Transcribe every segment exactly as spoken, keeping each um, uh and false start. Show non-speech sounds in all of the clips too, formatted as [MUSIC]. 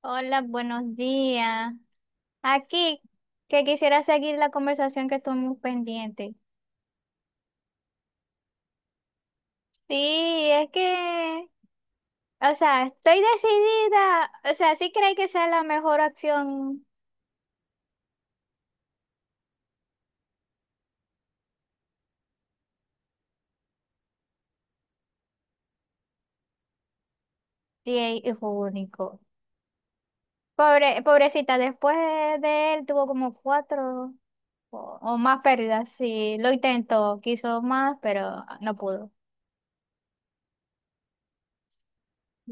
Hola, buenos días. Aquí, que quisiera seguir la conversación que estamos pendiente. Sí, es que, o sea, estoy decidida, o sea, sí creo que sea la mejor opción de hijo único. Pobre, pobrecita, después de, de él tuvo como cuatro o, o más pérdidas. Sí, lo intentó, quiso más, pero no pudo.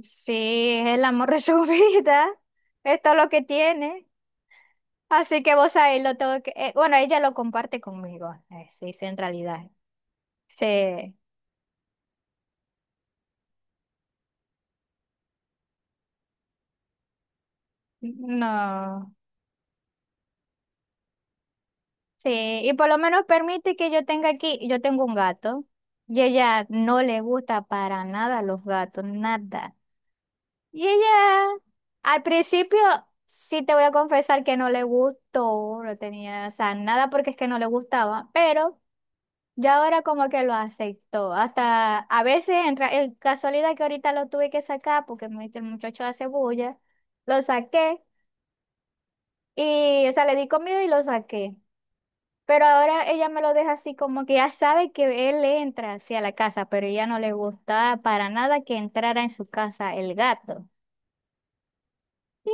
Sí, es el amor de su [LAUGHS] vida. Esto es lo que tiene. Así que vos ahí lo tengo que... eh, bueno, ella lo comparte conmigo, eh, sí, sí, en realidad. Sí, no. Sí, y por lo menos permite que yo tenga aquí, yo tengo un gato y ella no le gusta para nada los gatos, nada. Y ella, al principio, sí te voy a confesar que no le gustó, no tenía, o sea, nada porque es que no le gustaba, pero... Ya ahora como que lo aceptó. Hasta a veces, en, ra- en casualidad que ahorita lo tuve que sacar porque me- el muchacho hace bulla, lo saqué y, o sea, le di comida y lo saqué. Pero ahora ella me lo deja así como que ya sabe que él entra hacia la casa, pero ella no le gustaba para nada que entrara en su casa el gato. Sí,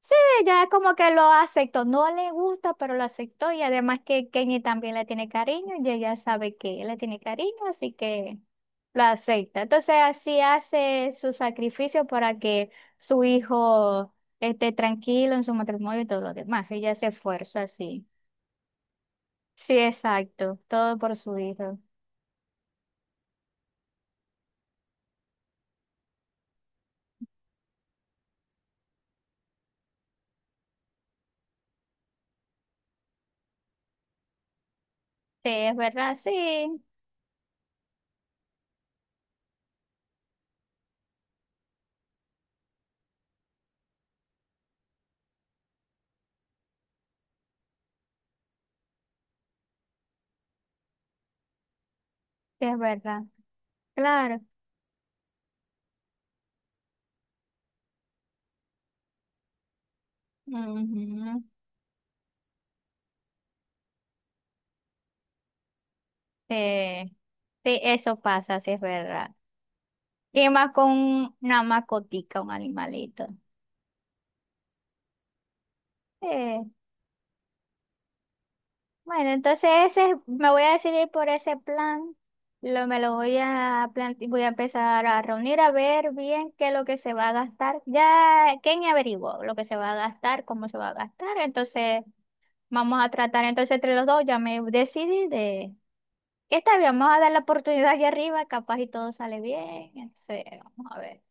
sí, ya como que lo aceptó. No le gusta, pero lo aceptó. Y además que Kenny también le tiene cariño y ella sabe que él le tiene cariño, así que lo acepta. Entonces así hace su sacrificio para que su hijo esté tranquilo en su matrimonio y todo lo demás. Ella se esfuerza así. Sí, exacto. Todo por su hijo. Sí, es verdad, sí, sí, es verdad. Claro. Ujú. Sí, sí, eso pasa, sí, es verdad. ¿Qué más con una macotica, un animalito? Eh, bueno, entonces ese, me voy a decidir por ese plan. Lo, me lo voy a plante- voy a empezar a reunir a ver bien qué es lo que se va a gastar. Ya Kenny averiguó lo que se va a gastar, cómo se va a gastar. Entonces vamos a tratar entonces entre los dos. Ya me decidí de que está bien, vamos a dar la oportunidad allá arriba, capaz y todo sale bien. Entonces, vamos a ver.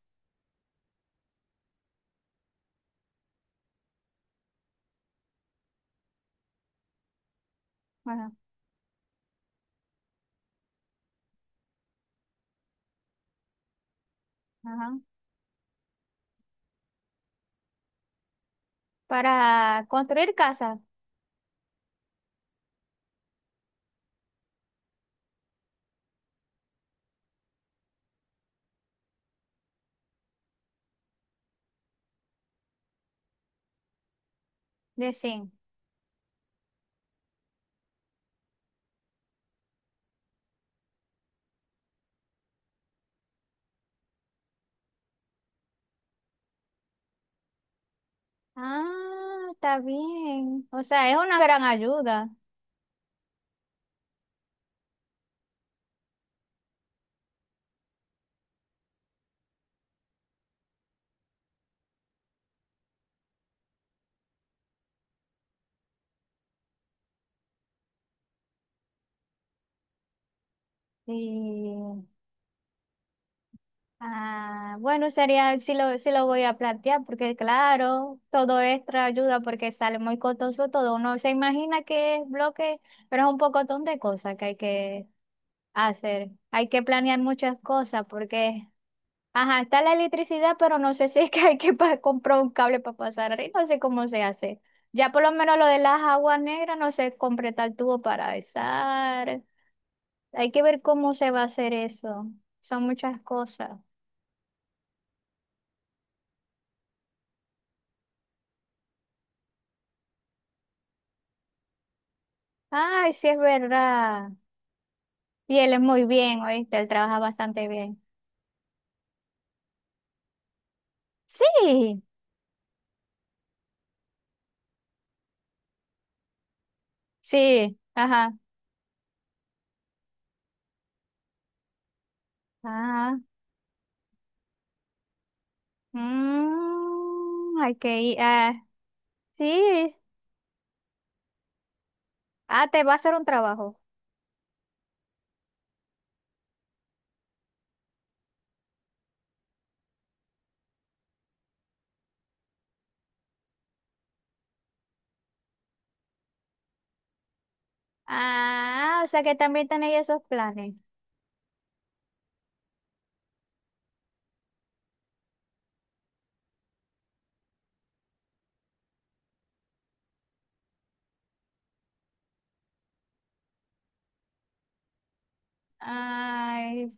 Bueno, ajá. Para construir casa de zinc. Ah, está bien. O sea, es una gran ayuda. Y, ah, bueno, sería, sí lo, sí lo voy a plantear, porque claro, todo extra ayuda porque sale muy costoso todo. Uno se imagina que es bloque, pero es un pocotón de cosas que hay que hacer. Hay que planear muchas cosas porque, ajá, está la electricidad, pero no sé si es que hay que pa- comprar un cable para pasar arriba, no sé cómo se hace. Ya por lo menos lo de las aguas negras no sé completar el tubo para izar. Hay que ver cómo se va a hacer eso. Son muchas cosas. Ay, sí es verdad. Y él es muy bien, ¿oíste? Él trabaja bastante bien. Sí, sí, ajá. Ah, mm, hay que ir. Ah, sí. Ah, te va a hacer un trabajo. Ah, o sea que también tenéis esos planes. Ay,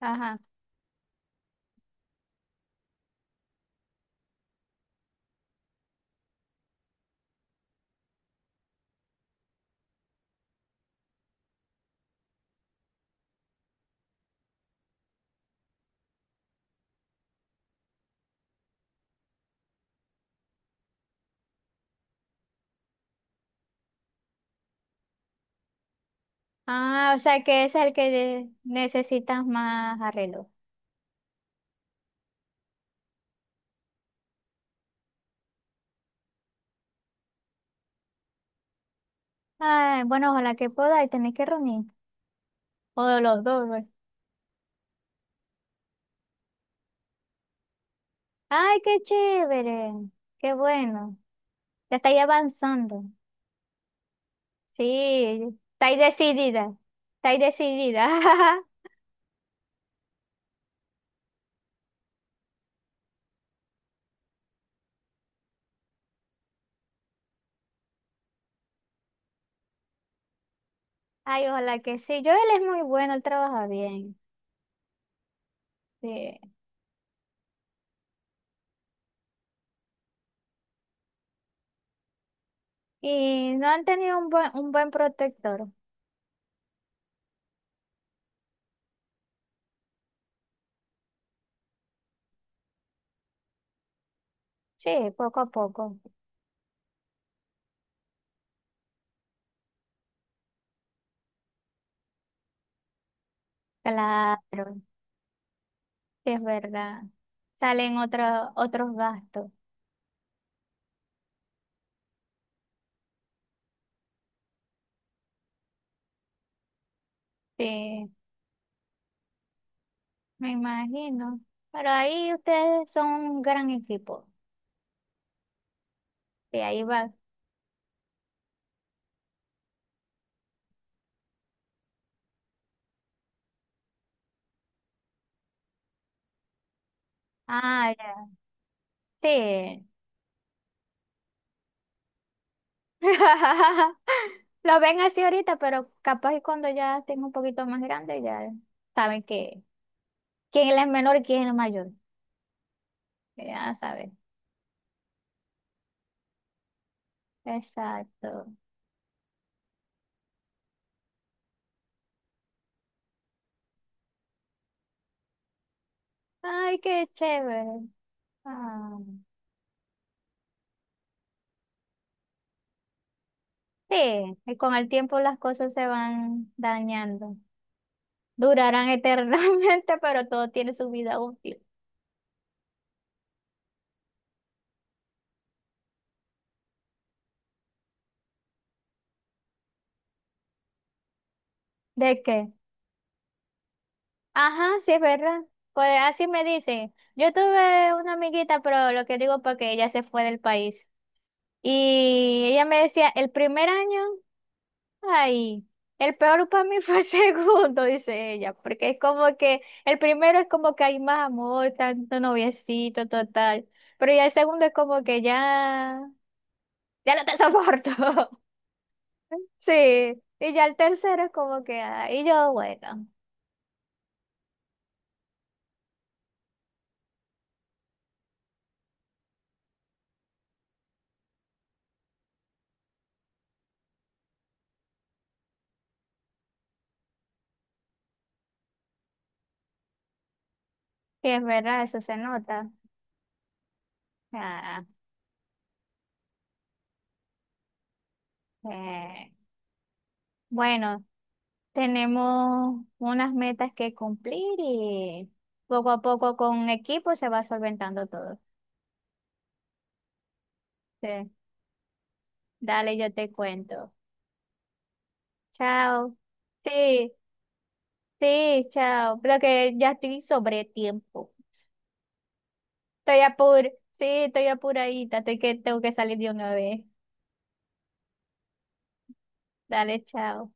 ajá. Ah, o sea que es el que necesitas más arreglo. Ay, bueno, ojalá que podáis, tenéis que reunir. O los dos, ay, qué chévere, qué bueno. Ya estáis avanzando. Sí, estáis decidida, estáis decidida. [LAUGHS] Ay, ojalá que sí. Yo él es muy bueno, él trabaja bien. Sí. Y no han tenido un buen, un buen protector. Sí, poco a poco. Claro, sí es verdad. Salen otro- otros gastos. Sí, me imagino. Pero ahí ustedes son un gran equipo. Sí, ahí va. Ah, ya. Sí. [LAUGHS] Lo ven así ahorita, pero capaz y cuando ya estén un poquito más grandes, ya saben que quién es el menor y quién es el mayor. Ya saben. Exacto. Ay, qué chévere. Ah, sí, y con el tiempo las cosas se van dañando. Durarán eternamente, [LAUGHS] pero todo tiene su vida útil. ¿De qué? Ajá, sí es verdad. Pues así me dicen. Yo tuve una amiguita, pero lo que digo porque ella se fue del país. Y ella me decía, el primer año, ay, el peor para mí fue el [LAUGHS] segundo, dice ella, porque es como que el primero es como que hay más amor, tanto noviecito, total, pero ya el segundo es como que ya, ya no te soporto. [LAUGHS] Sí, y ya el tercero es como que, ah, y yo, bueno, sí, es verdad, eso se nota. Ah, eh, bueno, tenemos unas metas que cumplir y poco a poco con equipo se va solventando todo. Sí. Dale, yo te cuento. Chao. Sí, sí, chao. Pero que ya estoy sobre tiempo. Estoy apur, sí, estoy apuradita. Estoy que tengo que salir de una vez. Dale, chao.